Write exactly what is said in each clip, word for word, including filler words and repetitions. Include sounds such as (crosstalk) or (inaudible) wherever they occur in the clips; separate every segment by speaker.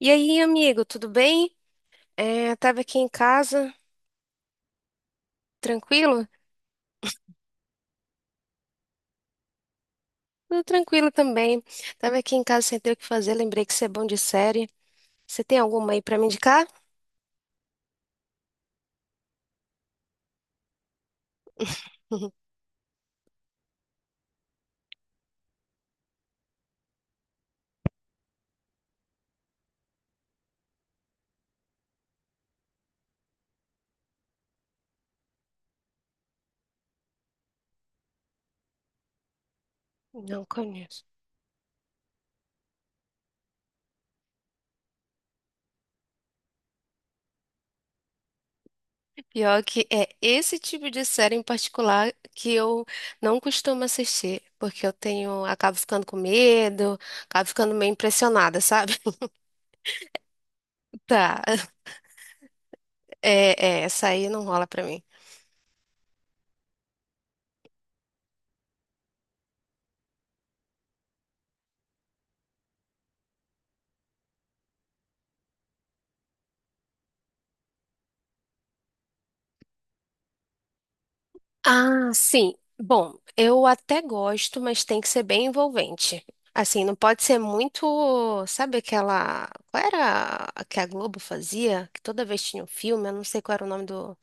Speaker 1: E aí, amigo, tudo bem? É, tava aqui em casa, tranquilo? Tudo tranquilo também. Tava aqui em casa sem ter o que fazer, lembrei que você é bom de série. Você tem alguma aí pra me indicar? (laughs) Não conheço. Pior que é esse tipo de série em particular que eu não costumo assistir, porque eu tenho, acabo ficando com medo, acabo ficando meio impressionada, sabe? (laughs) Tá, é, é, essa aí não rola pra mim. Ah, sim. Bom, eu até gosto, mas tem que ser bem envolvente. Assim, não pode ser muito, sabe aquela, qual era a que a Globo fazia? Que toda vez tinha um filme, eu não sei qual era o nome do,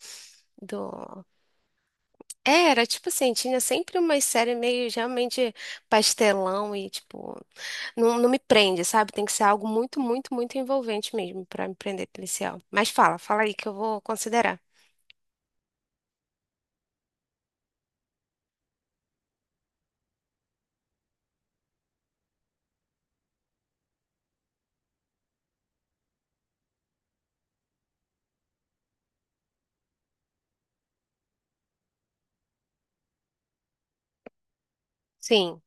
Speaker 1: do. É, era tipo assim, tinha sempre uma série meio realmente pastelão e tipo, não, não me prende, sabe? Tem que ser algo muito, muito, muito envolvente mesmo pra me prender policial. Mas fala, fala aí que eu vou considerar. Sim.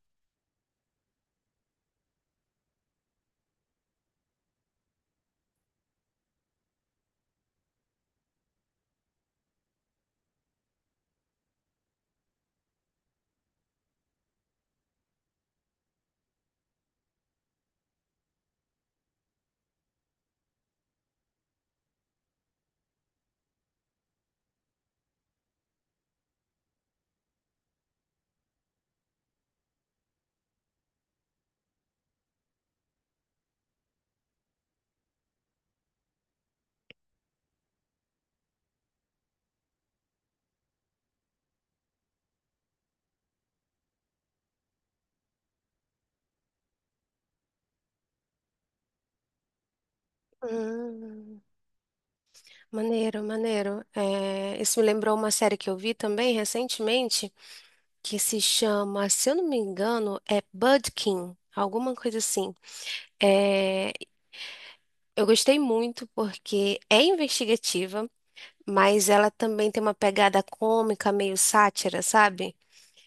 Speaker 1: Hum, maneiro, maneiro. É, isso me lembrou uma série que eu vi também recentemente que se chama, se eu não me engano, é Budkin. Alguma coisa assim. É, eu gostei muito porque é investigativa, mas ela também tem uma pegada cômica, meio sátira, sabe?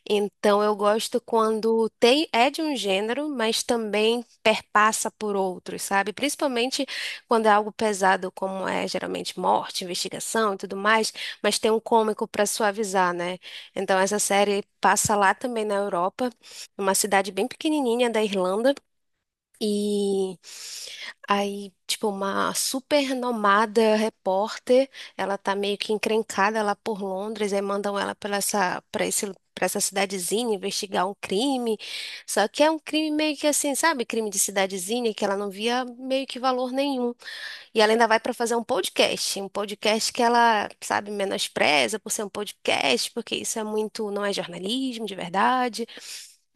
Speaker 1: Então eu gosto quando tem é de um gênero, mas também perpassa por outros, sabe? Principalmente quando é algo pesado, como é geralmente morte, investigação e tudo mais, mas tem um cômico para suavizar, né? Então essa série passa lá também na Europa, numa cidade bem pequenininha da Irlanda. E aí, tipo, uma super renomada repórter, ela tá meio que encrencada lá por Londres, aí mandam ela para essa, para esse, para essa cidadezinha investigar um crime. Só que é um crime meio que assim, sabe? Crime de cidadezinha que ela não via meio que valor nenhum. E ela ainda vai para fazer um podcast, um podcast que ela, sabe, menospreza por ser um podcast, porque isso é muito, não é jornalismo de verdade.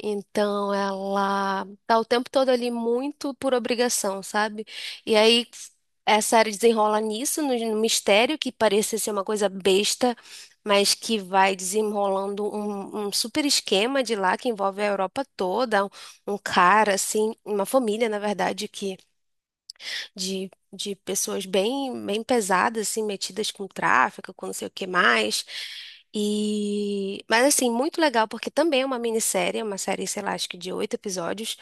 Speaker 1: Então ela tá o tempo todo ali muito por obrigação, sabe? E aí essa série desenrola nisso, no, no mistério que parecia ser uma coisa besta, mas que vai desenrolando um, um super esquema de lá que envolve a Europa toda, um um cara assim, uma família, na verdade, que de, de pessoas bem, bem pesadas, assim, metidas com tráfico, com não sei o que mais. E, mas assim, muito legal, porque também é uma minissérie, é uma série, sei lá, acho que de oito episódios.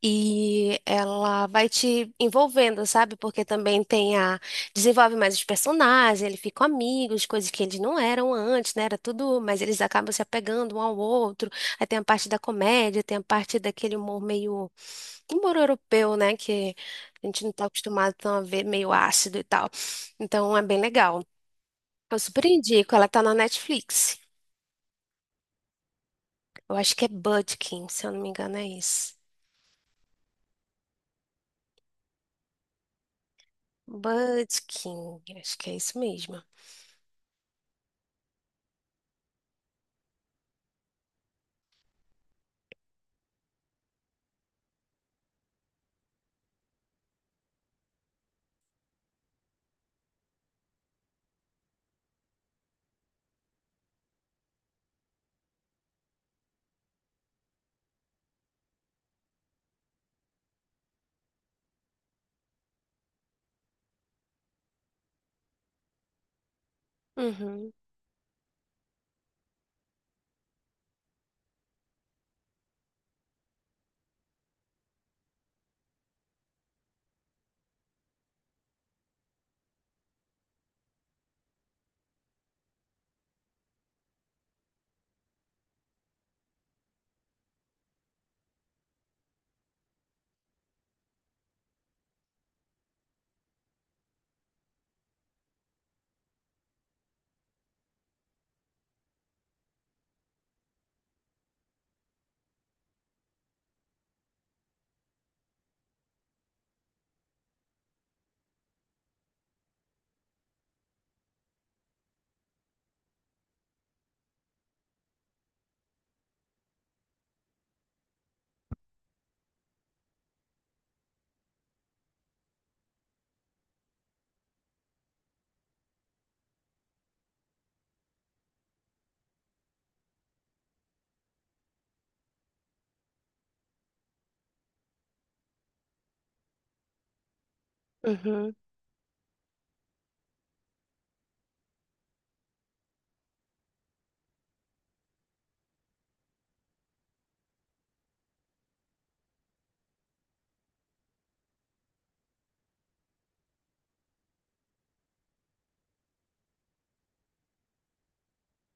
Speaker 1: E ela vai te envolvendo, sabe? Porque também tem a. Desenvolve mais os personagens, eles ficam amigos, coisas que eles não eram antes, né? Era tudo, mas eles acabam se apegando um ao outro. Aí tem a parte da comédia, tem a parte daquele humor meio humor europeu, né? Que a gente não tá acostumado tão a ver meio ácido e tal. Então é bem legal. Eu super indico, ela tá na Netflix. Eu acho que é Budkin, se eu não me engano, é isso. Budkin, acho que é isso mesmo. Uhum, uhum.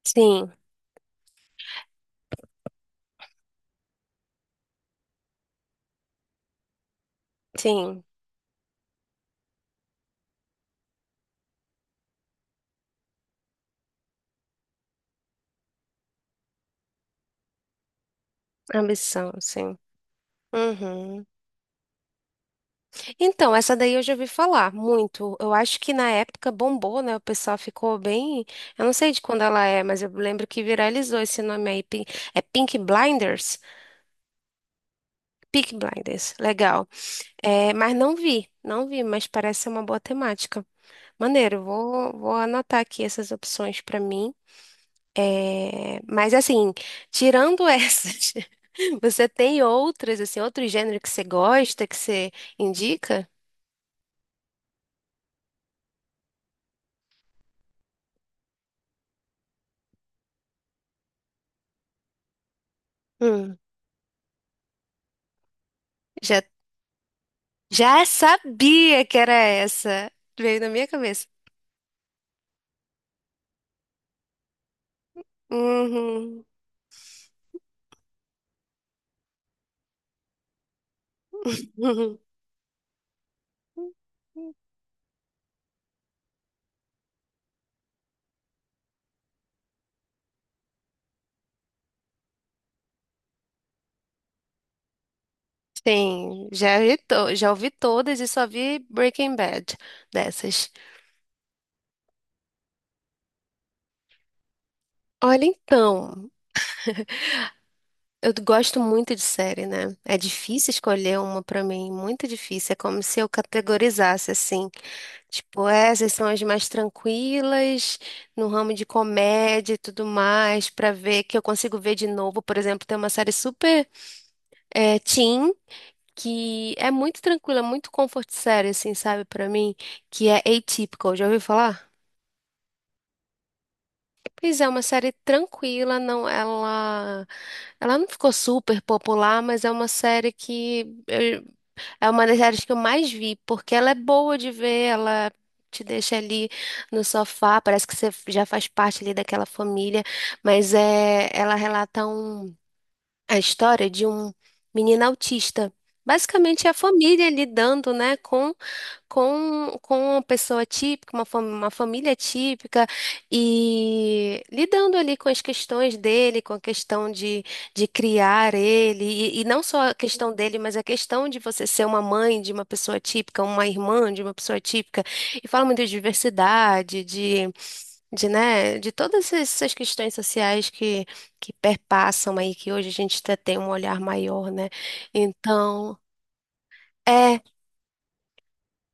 Speaker 1: Sim, sim. Ambição, sim. Uhum. Então, essa daí eu já ouvi falar muito. Eu acho que na época bombou, né? O pessoal ficou bem. Eu não sei de quando ela é, mas eu lembro que viralizou esse nome aí. Pink- É Pink Blinders? Peaky Blinders, legal. É, mas não vi, não vi, mas parece ser uma boa temática. Maneiro, vou, vou anotar aqui essas opções para mim. É, mas assim, tirando essas, (laughs) você tem outras, assim, outro gênero que você gosta, que você indica? Hum, já, já sabia que era essa. Veio na minha cabeça. Uhum. (laughs) Sim, já vi, to- já ouvi todas e só vi Breaking Bad dessas. Olha, então, eu gosto muito de série, né? É difícil escolher uma pra mim, muito difícil. É como se eu categorizasse assim, tipo, essas são as mais tranquilas, no ramo de comédia e tudo mais, pra ver que eu consigo ver de novo. Por exemplo, tem uma série super é, teen que é muito tranquila, muito comfort série, assim, sabe, pra mim, que é Atypical. Já ouviu falar? Pois é, uma série tranquila, não, ela, ela não ficou super popular, mas é uma série que eu- é uma das séries que eu mais vi, porque ela é boa de ver, ela te deixa ali no sofá, parece que você já faz parte ali daquela família, mas é, ela relata um, a história de um menino autista. Basicamente é a família lidando, né, com, com uma pessoa típica, uma, fam- uma família típica, e lidando ali com as questões dele, com a questão de, de criar ele, e, e não só a questão dele, mas a questão de você ser uma mãe de uma pessoa típica, uma irmã de uma pessoa típica, e fala muito de diversidade, de, de, né, de todas essas questões sociais que, que perpassam aí, que hoje a gente até tem um olhar maior, né? Então. É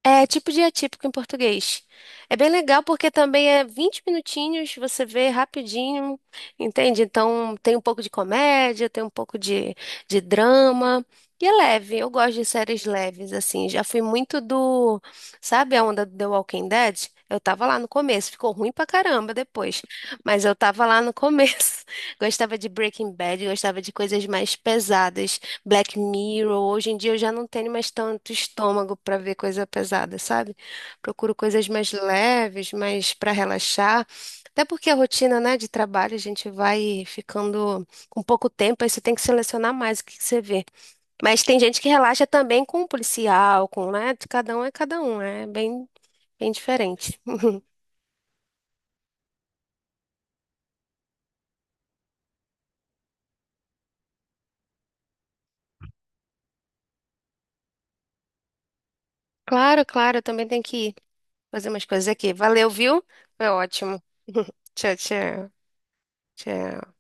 Speaker 1: é tipo de atípico em português. É bem legal porque também é vinte minutinhos, você vê rapidinho, entende? Então tem um pouco de comédia, tem um pouco de, de drama. E é leve, eu gosto de séries leves, assim. Já fui muito do. Sabe a onda do The Walking Dead? Eu tava lá no começo, ficou ruim pra caramba depois. Mas eu tava lá no começo. (laughs) Gostava de Breaking Bad, gostava de coisas mais pesadas. Black Mirror. Hoje em dia eu já não tenho mais tanto estômago para ver coisa pesada, sabe? Procuro coisas mais leves, mais para relaxar. Até porque a rotina, né, de trabalho, a gente vai ficando com pouco tempo, aí você tem que selecionar mais o que que você vê. Mas tem gente que relaxa também com o policial, com, né? Cada um é cada um, é bem, bem diferente. Claro, claro, eu também tenho que ir fazer umas coisas aqui. Valeu, viu? Foi ótimo. Tchau, tchau. Tchau.